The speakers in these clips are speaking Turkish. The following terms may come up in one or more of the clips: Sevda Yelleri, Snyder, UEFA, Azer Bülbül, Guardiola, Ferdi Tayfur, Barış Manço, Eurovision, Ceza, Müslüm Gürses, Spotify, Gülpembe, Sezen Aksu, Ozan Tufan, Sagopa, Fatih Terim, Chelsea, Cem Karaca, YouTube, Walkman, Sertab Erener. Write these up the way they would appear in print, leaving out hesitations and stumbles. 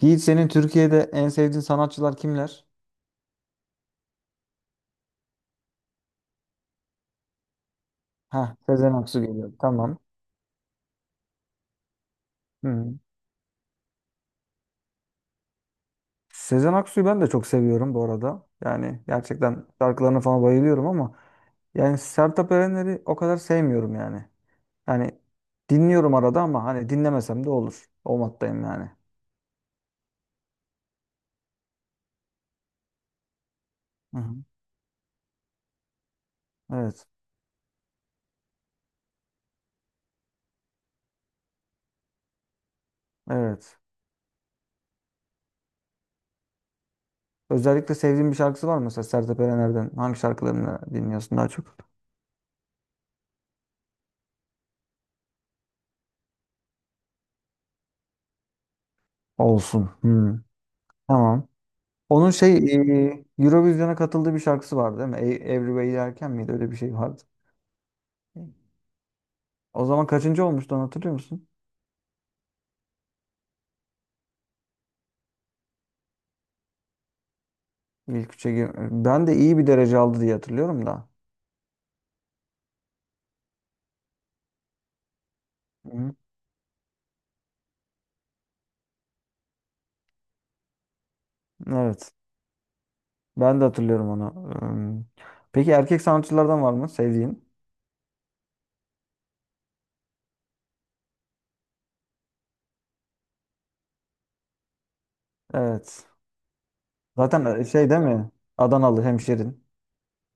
Yiğit senin Türkiye'de en sevdiğin sanatçılar kimler? Ha, Sezen Aksu geliyor. Tamam. Hı. Sezen Aksu'yu ben de çok seviyorum bu arada. Yani gerçekten şarkılarına falan bayılıyorum ama yani Sertab Erener'i o kadar sevmiyorum yani. Yani dinliyorum arada ama hani dinlemesem de olur. O moddayım yani. Hı hı. Evet. Evet. Özellikle sevdiğin bir şarkısı var mı mesela Sertab Erener'den? Hangi şarkılarını dinliyorsun daha çok? Olsun. Hı. Tamam. Onun Eurovision'a katıldığı bir şarkısı vardı değil mi? Everywhere Derken miydi? Öyle bir şey vardı. O zaman kaçıncı olmuştu onu hatırlıyor musun? İlk üçe gir- Ben de iyi bir derece aldı diye hatırlıyorum da. Hı. Evet. Ben de hatırlıyorum onu. Peki erkek sanatçılardan var mı sevdiğin? Evet. Zaten şey değil mi? Adanalı hemşerin.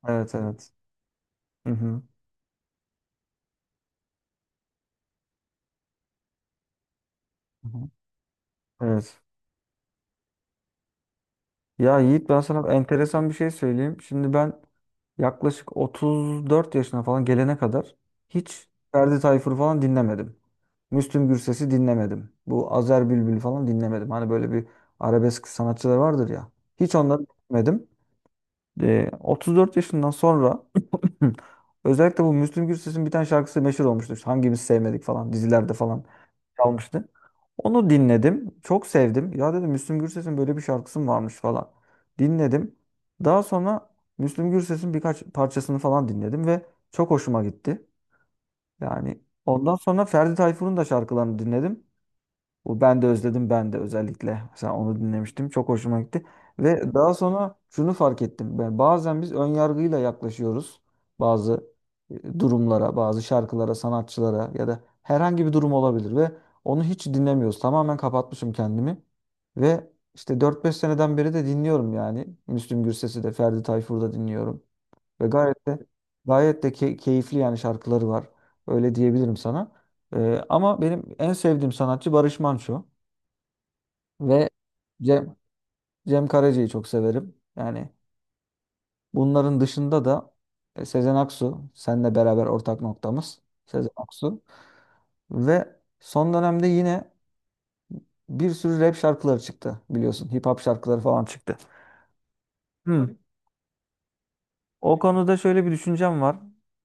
Evet evet. Hı hı. Hı hı. Evet. Ya Yiğit ben sana enteresan bir şey söyleyeyim. Şimdi ben yaklaşık 34 yaşına falan gelene kadar hiç Ferdi Tayfur falan dinlemedim. Müslüm Gürses'i dinlemedim. Bu Azer Bülbül falan dinlemedim. Hani böyle bir arabesk sanatçılar vardır ya. Hiç onları dinlemedim. 34 yaşından sonra özellikle bu Müslüm Gürses'in bir tane şarkısı meşhur olmuştu. İşte Hangimiz sevmedik falan dizilerde falan çalmıştı. Onu dinledim. Çok sevdim. Ya dedim Müslüm Gürses'in böyle bir şarkısı mı varmış falan. Dinledim. Daha sonra Müslüm Gürses'in birkaç parçasını falan dinledim ve çok hoşuma gitti. Yani ondan sonra Ferdi Tayfur'un da şarkılarını dinledim. Bu ben de özledim ben de özellikle. Mesela onu dinlemiştim. Çok hoşuma gitti. Ve daha sonra şunu fark ettim. Ben bazen biz ön yargıyla yaklaşıyoruz bazı durumlara, bazı şarkılara, sanatçılara ya da herhangi bir durum olabilir ve onu hiç dinlemiyoruz. Tamamen kapatmışım kendimi. Ve işte 4-5 seneden beri de dinliyorum yani. Müslüm Gürses'i de, Ferdi Tayfur'u da dinliyorum. Ve gayet de gayet de keyifli yani şarkıları var. Öyle diyebilirim sana. Ama benim en sevdiğim sanatçı Barış Manço ve Cem, Cem Karaca'yı çok severim. Yani bunların dışında da Sezen Aksu, seninle beraber ortak noktamız Sezen Aksu. Ve son dönemde yine bir sürü rap şarkıları çıktı biliyorsun. Hip hop şarkıları falan çıktı. Hmm. O konuda şöyle bir düşüncem var.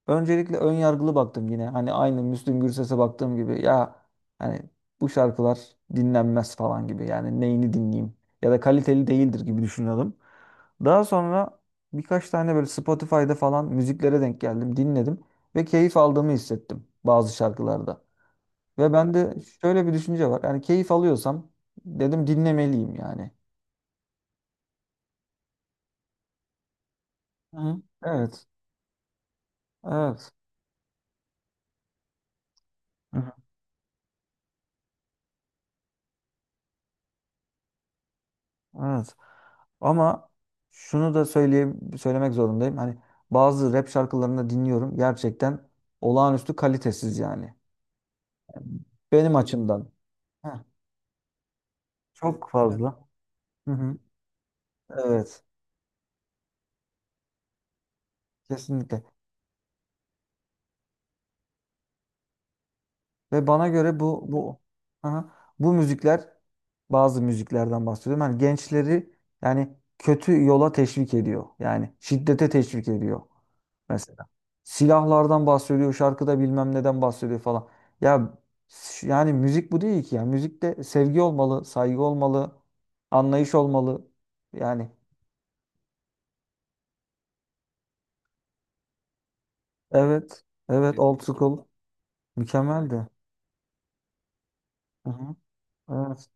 Öncelikle ön yargılı baktım yine. Hani aynı Müslüm Gürses'e baktığım gibi ya hani bu şarkılar dinlenmez falan gibi. Yani neyini dinleyeyim ya da kaliteli değildir gibi düşünüyordum. Daha sonra birkaç tane böyle Spotify'da falan müziklere denk geldim, dinledim ve keyif aldığımı hissettim bazı şarkılarda. Ve bende şöyle bir düşünce var. Yani keyif alıyorsam dedim dinlemeliyim yani. Hı Evet. Evet. Hı hı. Evet. Ama şunu da söylemek zorundayım. Hani bazı rap şarkılarını dinliyorum. Gerçekten olağanüstü kalitesiz yani. Benim açımdan. Heh, çok Evet. fazla. Hı hı. Evet. Kesinlikle. Ve bana göre bu müzikler bazı müziklerden bahsediyorum. Hani gençleri yani kötü yola teşvik ediyor. Yani şiddete teşvik ediyor. Mesela silahlardan bahsediyor, şarkıda bilmem neden bahsediyor falan. Ya yani müzik bu değil ki ya. Müzikte sevgi olmalı, saygı olmalı, anlayış olmalı. Yani evet, evet old Kesinlikle. School mükemmeldi. Hı hı. Evet.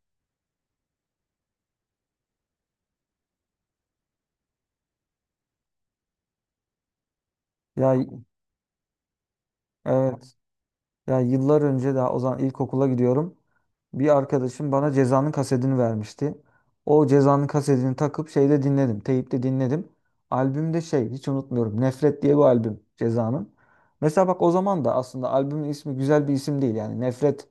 Ya evet. Ya yıllar önce daha o zaman ilkokula gidiyorum. Bir arkadaşım bana Ceza'nın kasetini vermişti. O Ceza'nın kasetini takıp şeyde dinledim. Teyipte dinledim. Albümde şey hiç unutmuyorum. Nefret diye bir albüm Ceza'nın. Mesela bak o zaman da aslında albümün ismi güzel bir isim değil. Yani Nefret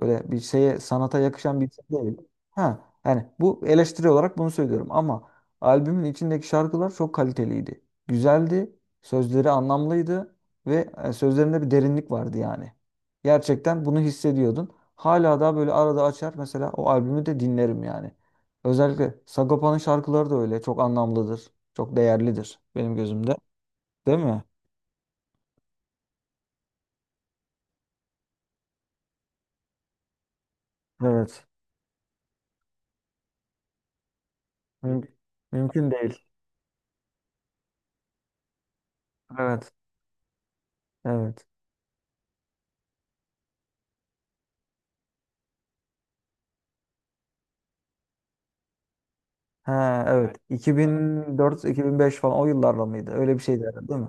böyle bir şeye sanata yakışan bir isim değil. Ha yani bu eleştiri olarak bunu söylüyorum ama albümün içindeki şarkılar çok kaliteliydi. Güzeldi, sözleri anlamlıydı ve sözlerinde bir derinlik vardı yani. Gerçekten bunu hissediyordun. Hala daha böyle arada açar mesela o albümü de dinlerim yani. Özellikle Sagopa'nın şarkıları da öyle. Çok anlamlıdır. Çok değerlidir benim gözümde. Değil mi? Evet. Müm- mümkün değil. Evet. Evet. Ha, evet. 2004-2005 falan o yıllarda mıydı? Öyle bir şeydi herhalde, değil mi?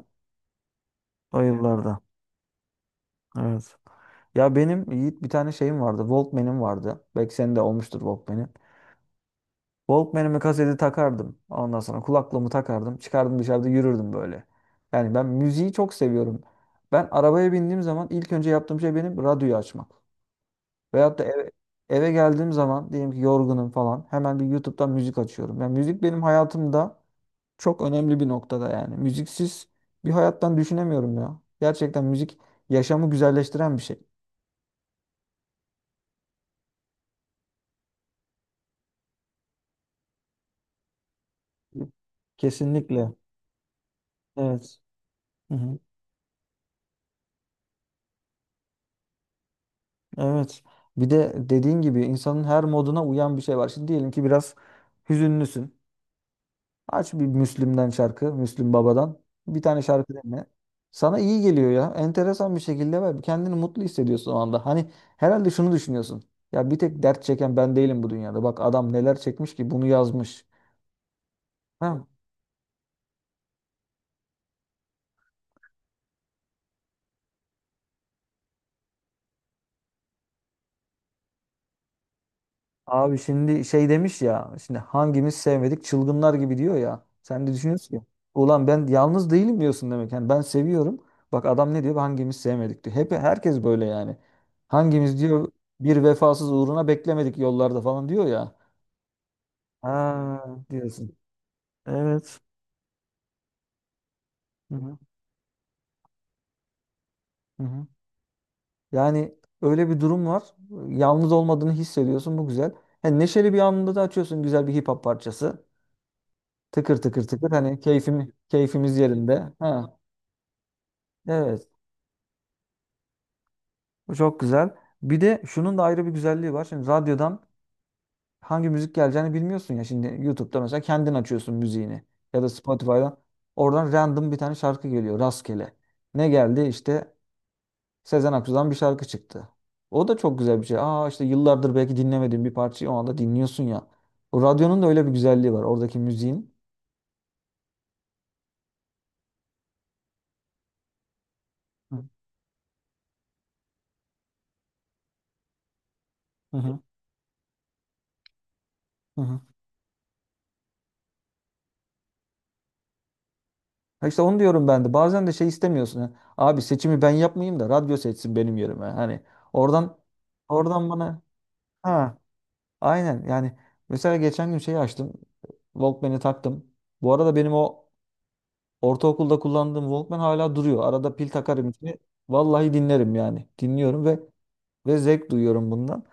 O yıllarda. Evet. Ya benim Yiğit bir tane şeyim vardı. Walkman'im vardı. Belki senin de olmuştur Walkman'in. Walkman'ime kaseti takardım. Ondan sonra kulaklığımı takardım. Çıkardım dışarıda yürürdüm böyle. Yani ben müziği çok seviyorum. Ben arabaya bindiğim zaman ilk önce yaptığım şey benim radyoyu açmak. Veyahut da eve geldiğim zaman diyelim ki yorgunum falan hemen bir YouTube'dan müzik açıyorum. Yani müzik benim hayatımda çok önemli bir noktada yani. Müziksiz bir hayattan düşünemiyorum ya. Gerçekten müzik yaşamı güzelleştiren bir şey. Kesinlikle. Evet. Hı hı. Evet. Bir de dediğin gibi insanın her moduna uyan bir şey var. Şimdi diyelim ki biraz hüzünlüsün. Aç bir Müslüm'den şarkı, Müslüm Baba'dan. Bir tane şarkı dinle. Sana iyi geliyor ya. Enteresan bir şekilde var. Kendini mutlu hissediyorsun o anda. Hani herhalde şunu düşünüyorsun. Ya bir tek dert çeken ben değilim bu dünyada. Bak adam neler çekmiş ki bunu yazmış. Ha, Abi şimdi şey demiş ya. Şimdi hangimiz sevmedik çılgınlar gibi diyor ya. Sen de düşünüyorsun ki. Ulan ben yalnız değilim diyorsun demek. Yani ben seviyorum. Bak adam ne diyor? Hangimiz sevmedik diyor. Hep herkes böyle yani. Hangimiz diyor bir vefasız uğruna beklemedik yollarda falan diyor ya. Ha diyorsun. Evet. Hı hı. Hı hı. Yani öyle bir durum var. Yalnız olmadığını hissediyorsun. Bu güzel. Yani neşeli bir anında da açıyorsun güzel bir hip hop parçası. Tıkır tıkır tıkır hani keyfimiz yerinde. Ha. Evet. Bu çok güzel. Bir de şunun da ayrı bir güzelliği var. Şimdi radyodan hangi müzik geleceğini bilmiyorsun ya. Şimdi YouTube'da mesela kendin açıyorsun müziğini. Ya da Spotify'dan. Oradan random bir tane şarkı geliyor. Rastgele. Ne geldi? İşte Sezen Aksu'dan bir şarkı çıktı. O da çok güzel bir şey. Aa işte yıllardır belki dinlemediğin bir parçayı o anda dinliyorsun ya. O radyonun da öyle bir güzelliği var. Oradaki müziğin. Hı hı. Hı hı. Ha işte onu diyorum ben de. Bazen de şey istemiyorsun. Ha. Abi seçimi ben yapmayayım da radyo seçsin benim yerime. Hani oradan oradan bana ha aynen yani mesela geçen gün şeyi açtım. Walkman'i taktım. Bu arada benim o ortaokulda kullandığım Walkman hala duruyor. Arada pil takarım içine. Vallahi dinlerim yani. Dinliyorum ve ve zevk duyuyorum bundan.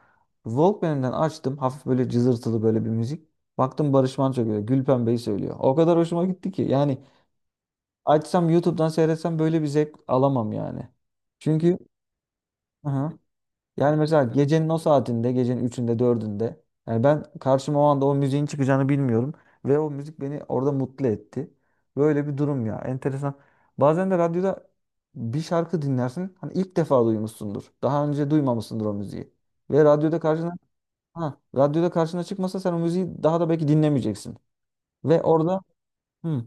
Walkman'den açtım. Hafif böyle cızırtılı böyle bir müzik. Baktım Barış Manço geliyor. Gülpembe'yi söylüyor. O kadar hoşuma gitti ki. Yani Açsam YouTube'dan seyretsem böyle bir zevk alamam yani. Çünkü aha, yani mesela gecenin o saatinde, gecenin üçünde dördünde, yani ben karşıma o anda o müziğin çıkacağını bilmiyorum ve o müzik beni orada mutlu etti. Böyle bir durum ya. Enteresan. Bazen de radyoda bir şarkı dinlersin. Hani ilk defa duymuşsundur. Daha önce duymamışsındır o müziği. Ve radyoda karşına ha, radyoda karşına çıkmasa sen o müziği daha da belki dinlemeyeceksin. Ve orada hı,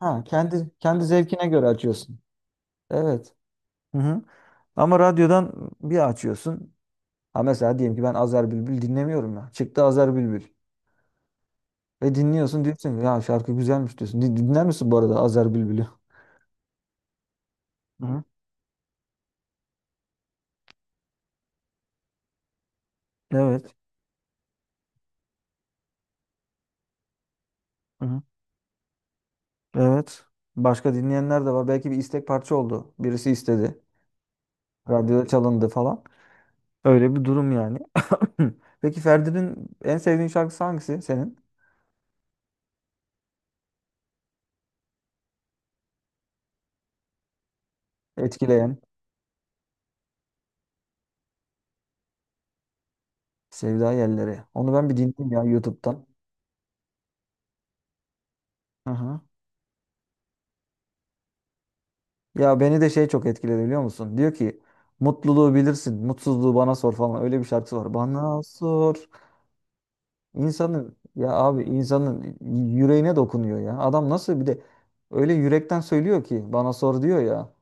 ha, kendi zevkine göre açıyorsun. Evet. Hı hı. Ama radyodan bir açıyorsun. Ha mesela diyelim ki ben Azer Bülbül dinlemiyorum ya. Çıktı Azer Bülbül. Ve dinliyorsun diyorsun ki, ya şarkı güzelmiş diyorsun. Dinler misin bu arada Azer Bülbül'ü? Hı hı. Evet. Hı hı. Evet. Başka dinleyenler de var. Belki bir istek parça oldu. Birisi istedi. Radyoda çalındı falan. Öyle bir durum yani. Peki Ferdi'nin en sevdiğin şarkısı hangisi senin? Etkileyen. Sevda Yelleri. Onu ben bir dinleyeyim ya YouTube'dan. Aha. Ya beni de şey çok etkiledi biliyor musun? Diyor ki mutluluğu bilirsin, mutsuzluğu bana sor falan. Öyle bir şarkısı var. Bana sor. İnsanın ya abi insanın yüreğine dokunuyor ya. Adam nasıl bir de öyle yürekten söylüyor ki bana sor diyor ya.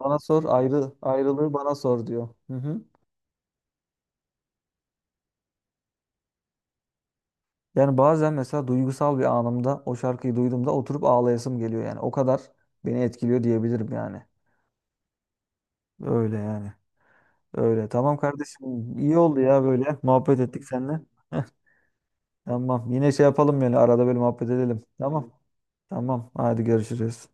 Bana sor ayrı ayrılığı bana sor diyor. Hı hı. Yani bazen mesela duygusal bir anımda o şarkıyı duyduğumda oturup ağlayasım geliyor yani. O kadar beni etkiliyor diyebilirim yani. Öyle yani. Öyle. Tamam kardeşim. İyi oldu ya böyle muhabbet ettik seninle. Tamam. Yine şey yapalım yani arada böyle muhabbet edelim. Tamam. Tamam. Tamam. Hadi görüşürüz.